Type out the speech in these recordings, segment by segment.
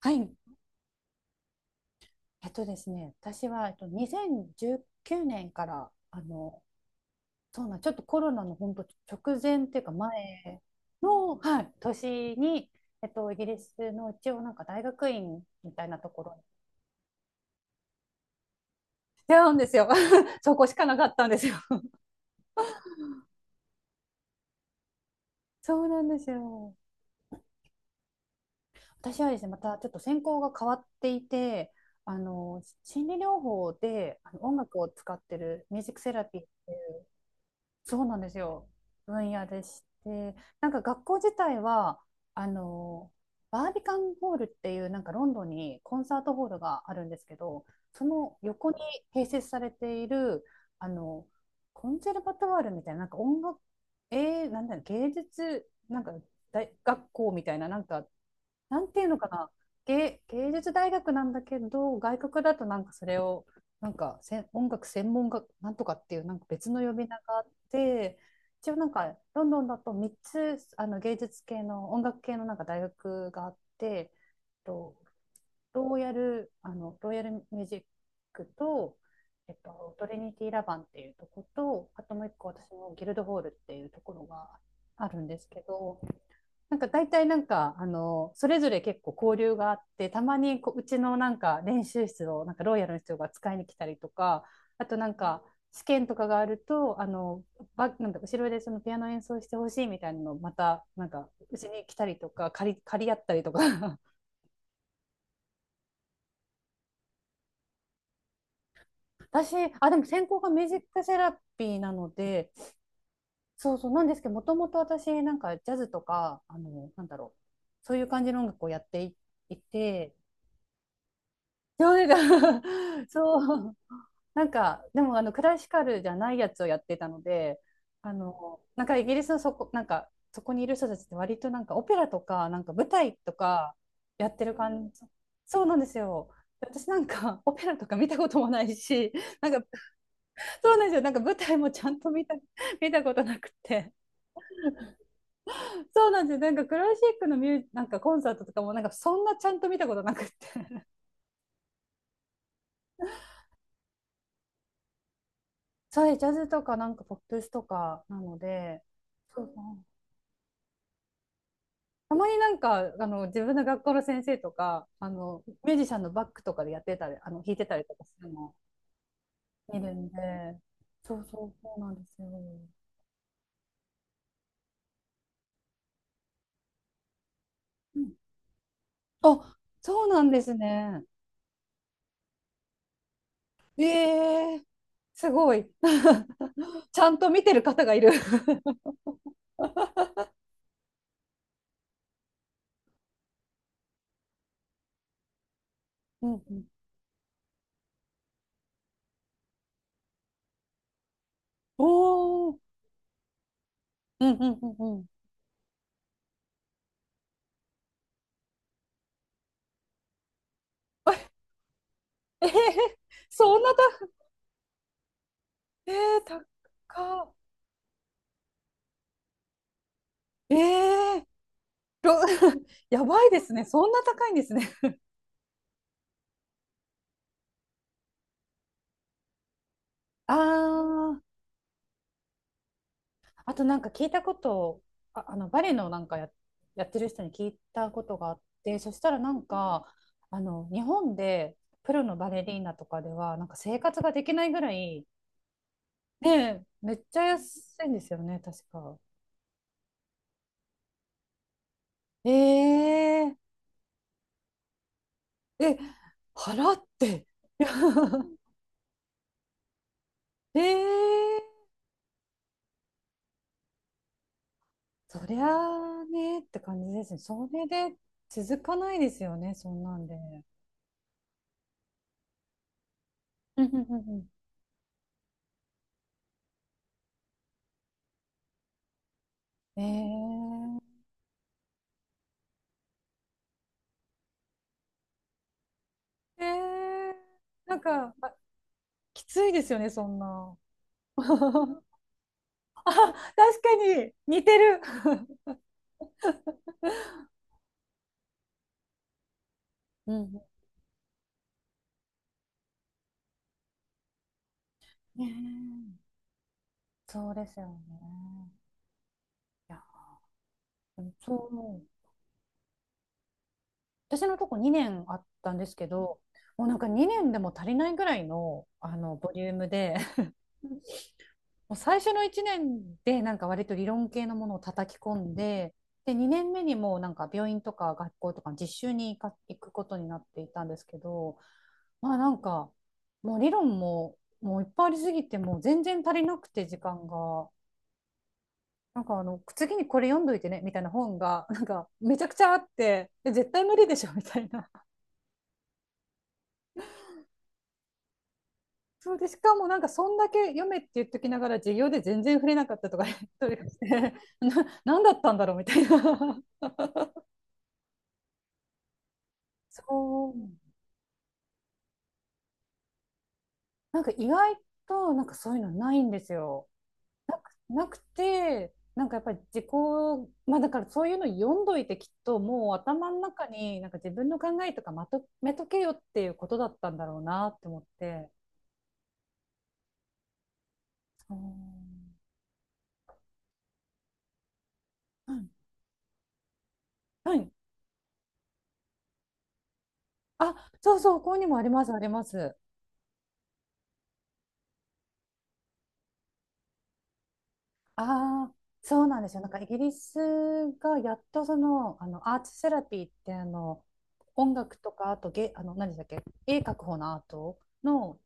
はい。えっとですね、私は、2019年から、あの、そうなん、ちょっとコロナの本当直前っていうか前の、はい、年に、イギリスの一応なんか大学院みたいなところに出会うんですよ。そこしかなかったんですよ。そうなんですよ。私はですね、またちょっと専攻が変わっていて、心理療法で、あの音楽を使ってるミュージックセラピーっていうそうなんですよ。分野でして、なんか学校自体は、あの、バービカンホールっていうなんかロンドンにコンサートホールがあるんですけど、その横に併設されている、あの、コンセルバトワールみたいな、なんか音楽、芸術、なんか大学校みたいな、なんていうのかな、芸術大学なんだけど、外国だとなんかそれを、なんかせん音楽専門学なんとかっていう、なんか別の呼び名があって、一応なんかロンドンだと3つあの芸術系の音楽系のなんか大学があって、とローヤルミュージックと、トリニティ・ラバンっていうとこと、あともう一個私もギルドホールっていうところがあるんですけど、なんか大体なんか、あの、それぞれ結構交流があって、たまにこう、うちのなんか練習室をなんかロイヤルの人が使いに来たりとか、あとなんか試験とかがあると、あの、ば、なんだ、後ろでそのピアノ演奏してほしいみたいなのをまた、なんか、うちに来たりとか、借り合ったりとか でも専攻がミュージックセラピーなので、そうなんですけど、もともと私、なんかジャズとか、そういう感じの音楽をやってて、そう そう。なんか、でも、あの、クラシカルじゃないやつをやってたので、なんかイギリスのそこ、なんか、そこにいる人たちって割となんかオペラとか、なんか舞台とかやってる感じ。そうなんですよ。で私なんかオペラとか見たこともないし、なんか、そうなんですよ。なんか舞台もちゃんと見た、見たことなくて。そうなんですよ。なんかクラシックのミュー、なんかコンサートとかもなんかそんなちゃんと見たことなくて。そう、ジャズとかなんかポップスとかなので、そうたまになんか、自分の学校の先生とか、ミュージシャンのバックとかでやってたり、弾いてたりとかするの見るんで、そうなんですよ。うんあ、そうなんですね。ええすごい。ちゃんと見てる方がいる。うんうん。おお、うんうんうんうん。ええそんなた、ええ高っ。ええろ やばいですね。そんな高いんですね。ああ、あとなんか聞いたことをあのバレエのやってる人に聞いたことがあって、そしたらなんか、あの日本でプロのバレリーナとかではなんか生活ができないぐらい、ねめっちゃ安いんですよね、確か。えええ、払って ええそりゃあねって感じですね。それで続かないですよね、そんなんで。うんうんうんうんえええー、なんか、あきついですよね、そんな。確かに、似てる。うんねえそうですよね。いや、でもそう思う。私のとこ2年あったんですけど、もうなんか2年でも足りないぐらいの、あのボリュームでもう最初の1年でなんか割と理論系のものを叩き込んで、で2年目にもうなんか病院とか学校とか実習に行くことになっていたんですけど、まあなんかもう理論ももういっぱいありすぎてもう全然足りなくて時間が。なんかあの次にこれ読んどいてねみたいな本が なんかめちゃくちゃあって絶対無理でしょみたいなそうでしかもなんかそんだけ読めって言っときながら授業で全然触れなかったとかねとりあえずして 何だったんだろうみたいなそう。なんか意外と、なんかそういうのないんですよ。なくて、なんかやっぱり自己、まあだからそういうの読んどいてきっともう頭の中になんか自分の考えとかまとめとけよっていうことだったんだろうなって思って。そう。はい。はい。あ、そう、ここにもあります、あります。ああ、そうなんですよ。なんかイギリスがやっとその、あのアーツセラピーってあの音楽とかあとあの何でしたっけ、絵描く方のアートの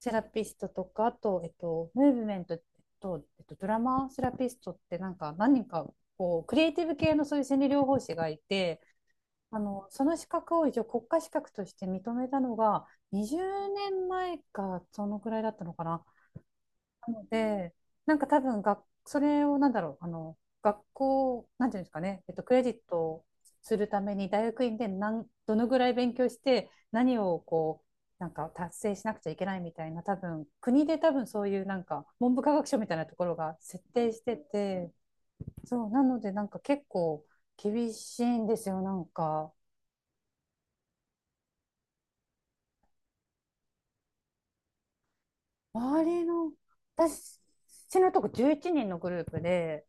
セラピストとかあと、ムーブメントと、ドラマセラピストってなんか何人かこうクリエイティブ系のそういう心理療法士がいてあのその資格を一応国家資格として認めたのが20年前かそのくらいだったのかな。なので、なんか多分が、それをなんだろう、学校、なんていうんですかね、クレジットするために大学院でどのぐらい勉強して、何をこう、なんか達成しなくちゃいけないみたいな、多分、国で多分そういうなんか、文部科学省みたいなところが設定してて、そう、なのでなんか結構厳しいんですよ、なんか。周りの、私のとこ11人のグループで、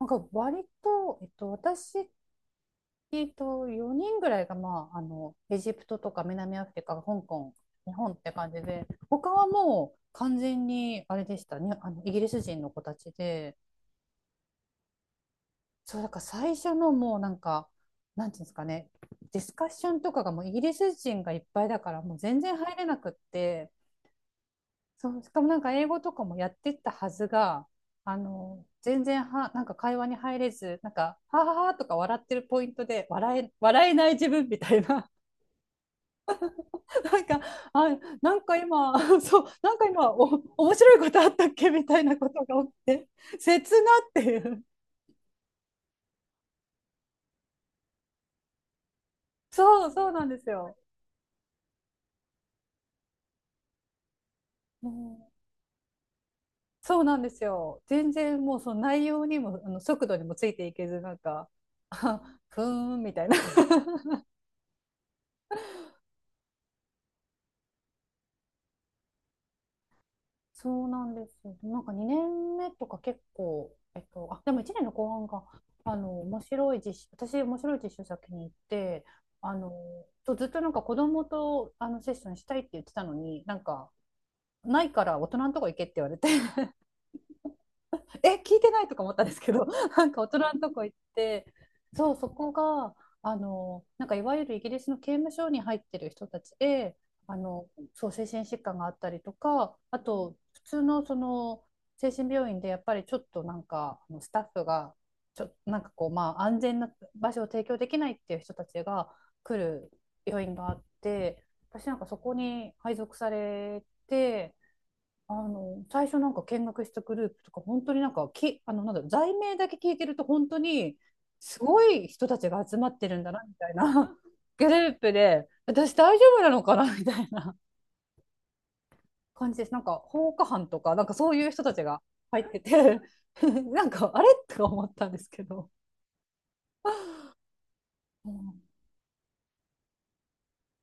なんか割と、えっと、私えっと、4人ぐらいが、エジプトとか南アフリカ、香港、日本って感じで、他はもう完全に、あれでしたね、イギリス人の子たちで、そう、だから最初のもうなんか、なんていうんですかね、ディスカッションとかがもうイギリス人がいっぱいだから、もう全然入れなくって、そう、しかもなんか英語とかもやってったはずが、あの、全然は、なんか会話に入れず、なんか、はははとか笑ってるポイントで、笑えない自分みたいな。なんか、あ、なんか今、そう、なんか今、面白いことあったっけみたいなことが起きて、切なっていう。そうなんですよ。うん、そうなんですよ。全然もうその内容にも、あの速度にもついていけず、あふーんみたいな。そうなんですよ。なんか2年目とか結構、でも1年の後半が、あの、面白い実習、私、面白い実習先に行って、あの、ずっとなんか子供とあのセッションしたいって言ってたのに、なんか、ないから大人のとこ行けって言われてえ聞いてないとか思ったんですけど なんか大人のとこ行ってそうそこがあのなんかいわゆるイギリスの刑務所に入ってる人たちであのそう精神疾患があったりとかあと普通のその精神病院でやっぱりちょっとなんかあのスタッフがなんかこうまあ安全な場所を提供できないっていう人たちが来る病院があって私なんかそこに配属されて。あの最初なんか見学したグループとか本当になんかきあのなんだろう罪名だけ聞いてると本当にすごい人たちが集まってるんだなみたいな グループで私大丈夫なのかな みたいな感じですなんか放火犯とかなんかそういう人たちが入ってて なんかあれとか思ったんですけど、うん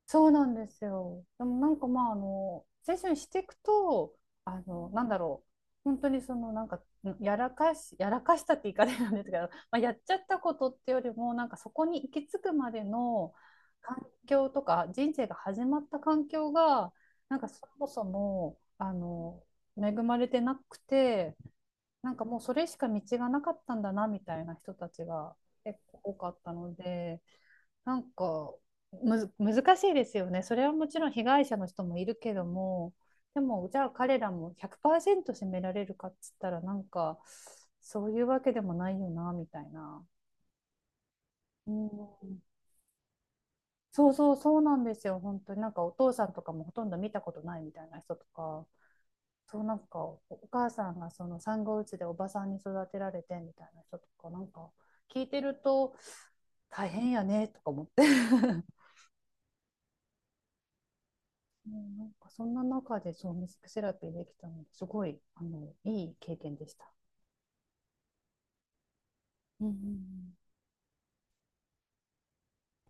そうなんですよ。でもなんかまああの青春していくとあのなんだろう本当にそのなんかやらかしたって言い方なんですけど、まあ、やっちゃったことってよりもなんかそこに行き着くまでの環境とか人生が始まった環境がなんかそもそもあの恵まれてなくてなんかもうそれしか道がなかったんだなみたいな人たちが結構多かったので。なんかむず難しいですよね。それはもちろん被害者の人もいるけども、でもじゃあ彼らも100%責められるかっつったらなんかそういうわけでもないよなみたいな。うん、そうなんですよ。本当になんかお父さんとかもほとんど見たことないみたいな人とか、そうなんかお母さんがその産後うつでおばさんに育てられてみたいな人とかなんか聞いてると大変やねとか思って ねなんかそんな中でそうミュージックセラピーできたのですごいあのいい経験でした。うんうんうん